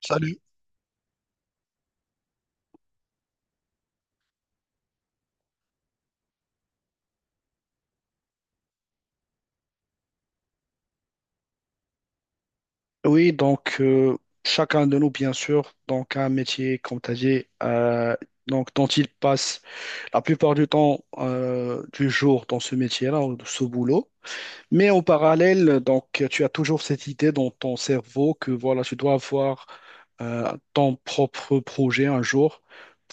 Salut. Oui, donc, chacun de nous, bien sûr, donc a un métier, comme tu as dit, donc, dont il passe la plupart du temps, du jour dans ce métier-là, ou de ce boulot. Mais en parallèle, donc, tu as toujours cette idée dans ton cerveau que voilà, tu dois avoir ton propre projet un jour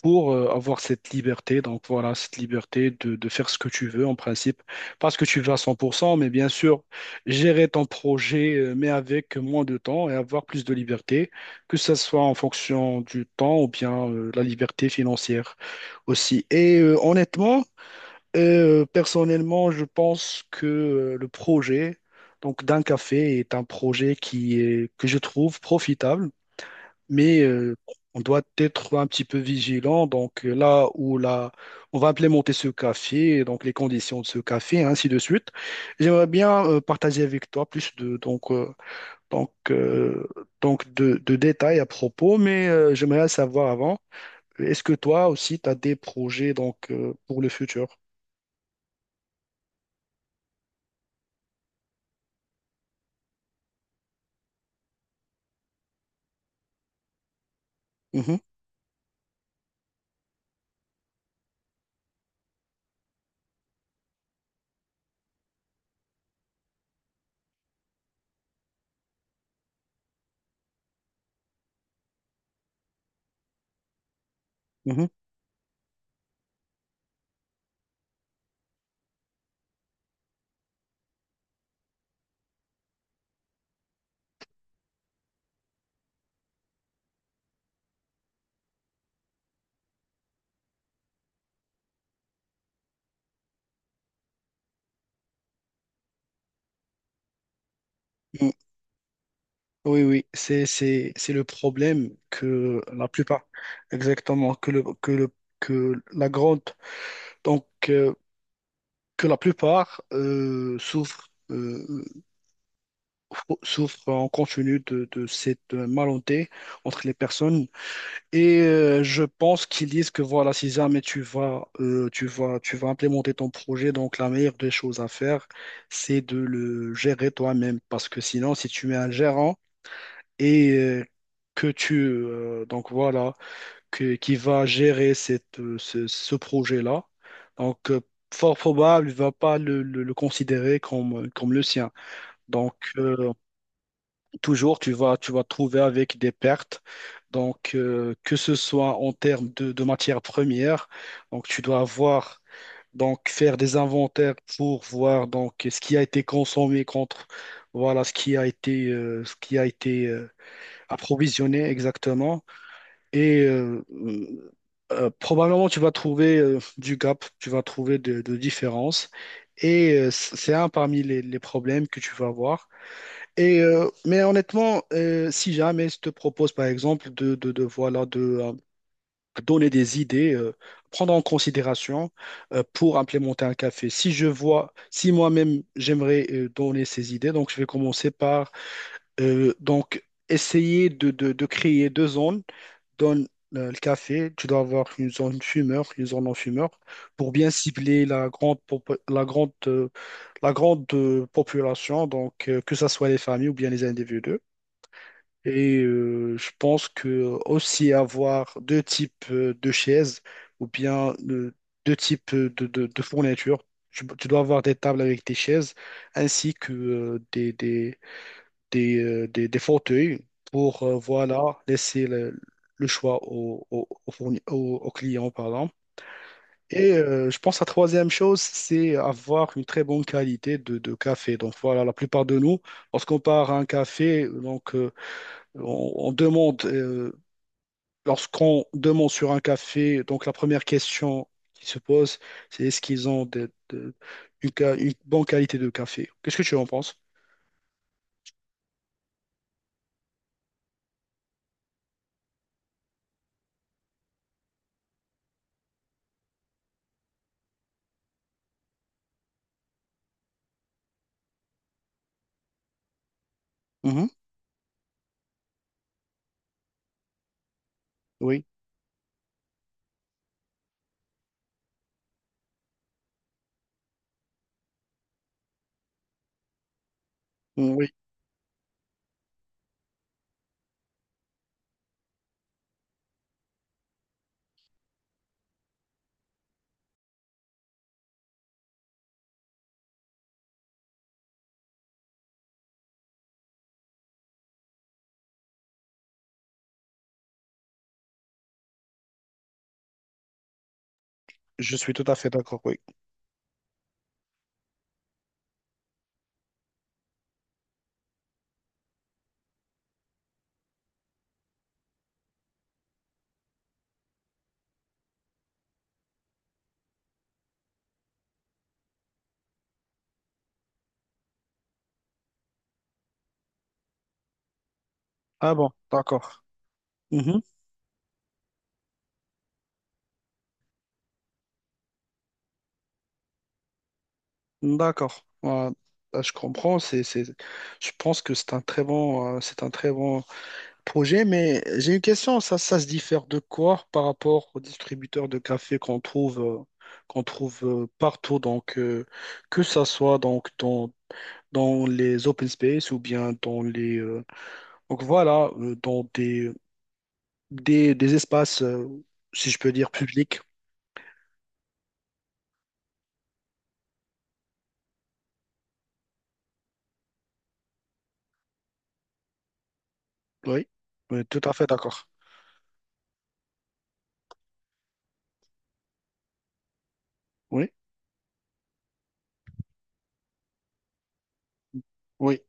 pour avoir cette liberté. Donc voilà, cette liberté de faire ce que tu veux en principe, pas ce que tu veux à 100%, mais bien sûr, gérer ton projet, mais avec moins de temps et avoir plus de liberté, que ce soit en fonction du temps ou bien la liberté financière aussi. Et honnêtement, personnellement, je pense que le projet donc d'un café est un projet qui est, que je trouve profitable, mais on doit être un petit peu vigilant. Donc là où là, on va implémenter ce café, donc les conditions de ce café, ainsi de suite. J'aimerais bien partager avec toi plus de donc donc euh, donc de détails à propos, mais j'aimerais savoir avant, est-ce que toi aussi tu as des projets donc pour le futur? Mhm, mhm. Oui, oui, c'est le problème que la plupart, exactement, que le, que le, que la grande, donc, que la plupart souffrent, souffrent en continu de cette malentente entre les personnes. Et je pense qu'ils disent que voilà, si jamais tu vas implémenter ton projet, donc la meilleure des choses à faire, c'est de le gérer toi-même. Parce que sinon, si tu mets un gérant, et que tu donc voilà que, qui va gérer cette, ce projet-là. Donc fort probable, il va pas le considérer comme, comme le sien. Donc toujours tu vas te trouver avec des pertes. Donc que ce soit en termes de matières premières, donc tu dois avoir donc faire des inventaires pour voir donc ce qui a été consommé contre voilà ce qui a été approvisionner exactement. Et probablement, tu vas trouver du gap, tu vas trouver de différences. Et c'est un parmi les problèmes que tu vas avoir. Et, mais honnêtement, si jamais je te propose, par exemple, voilà, de donner des idées, prendre en considération pour implémenter un café. Si je vois, si moi-même, j'aimerais donner ces idées, donc je vais commencer par donc, essayer de créer deux zones donnes le café, tu dois avoir une zone fumeur, une zone non-fumeur, pour bien cibler la grande population, donc que ce soit les familles ou bien les individus. Et je pense que aussi avoir deux types de chaises ou bien deux types de fournitures. Tu dois avoir des tables avec des chaises ainsi que des fauteuils pour voilà, laisser le choix au client, pardon. Et je pense la troisième chose, c'est avoir une très bonne qualité de café. Donc voilà, la plupart de nous, lorsqu'on part à un café, donc on demande, lorsqu'on demande sur un café, donc la première question qui se pose, c'est est-ce qu'ils ont une bonne qualité de café? Qu'est-ce que tu en penses? Mhm. Oui, mmh, oui, je suis tout à fait d'accord. Oui. Ah bon, d'accord. Mhm. D'accord. Voilà. Là, je comprends. Je pense que c'est un très bon projet, mais j'ai une question. Ça se diffère de quoi par rapport aux distributeurs de café qu'on trouve partout. Donc, que ça soit donc dans les open space ou bien donc voilà, dans des espaces, si je peux dire, publics. Oui, oui, tout à fait d'accord. Oui, oui.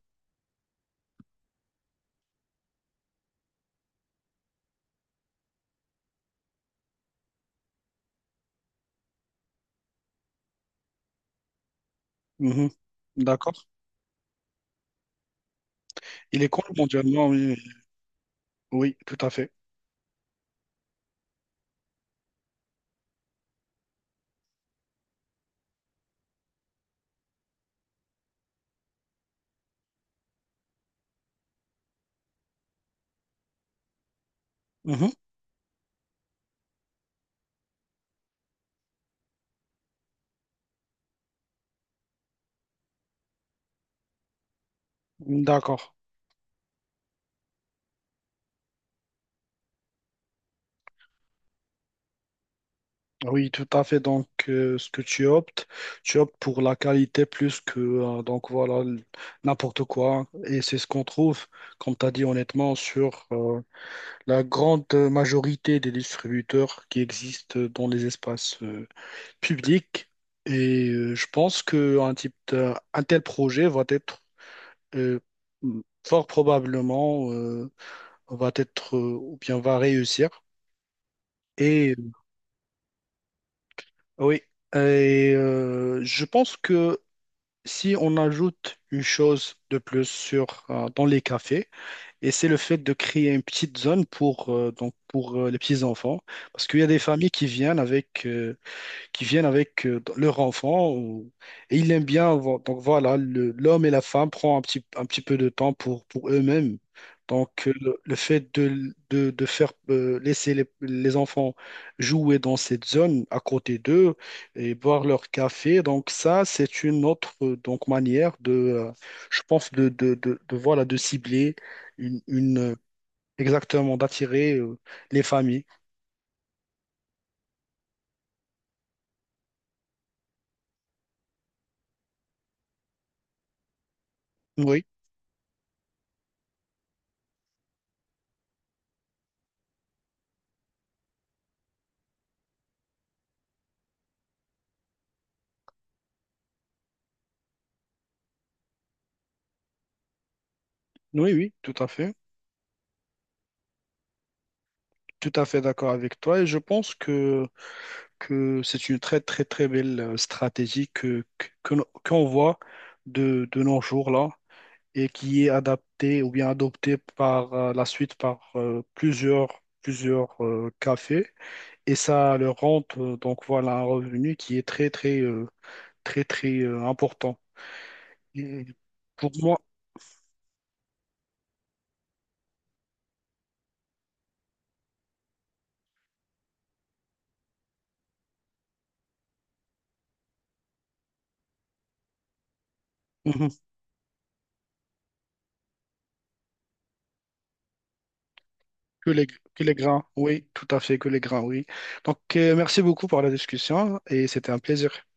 Mhm. D'accord. Il est connu mondialement, oui, oui, tout à fait. Mhm. D'accord. Oui, tout à fait. Donc, ce que tu optes pour la qualité plus que, donc voilà, n'importe quoi. Et c'est ce qu'on trouve, comme tu as dit honnêtement, sur la grande majorité des distributeurs qui existent dans les espaces publics. Et je pense qu'un un tel projet va être euh, fort probablement. Ou bien on va réussir. Et oui, et, je pense que si on ajoute une chose de plus sur, dans les cafés, et c'est le fait de créer une petite zone pour, donc pour les petits enfants, parce qu'il y a des familles qui viennent avec leur enfant et ils l'aiment bien. Donc voilà, l'homme et la femme prend un petit peu de temps pour eux-mêmes. Donc le fait de faire laisser les enfants jouer dans cette zone à côté d'eux et boire leur café, donc ça c'est une autre donc manière de, je pense voilà de cibler une, une, euh, exactement d'attirer les familles. Oui, oui, oui, tout à fait. Tout à fait d'accord avec toi et je pense que c'est une très très très belle stratégie que no- qu'on voit de nos jours là et qui est adaptée ou bien adoptée par la suite par plusieurs cafés et ça leur rend donc voilà un revenu qui est très très très très important. Et pour moi, mhm, que les grains, oui, tout à fait, que les grains, oui. Donc merci beaucoup pour la discussion et c'était un plaisir.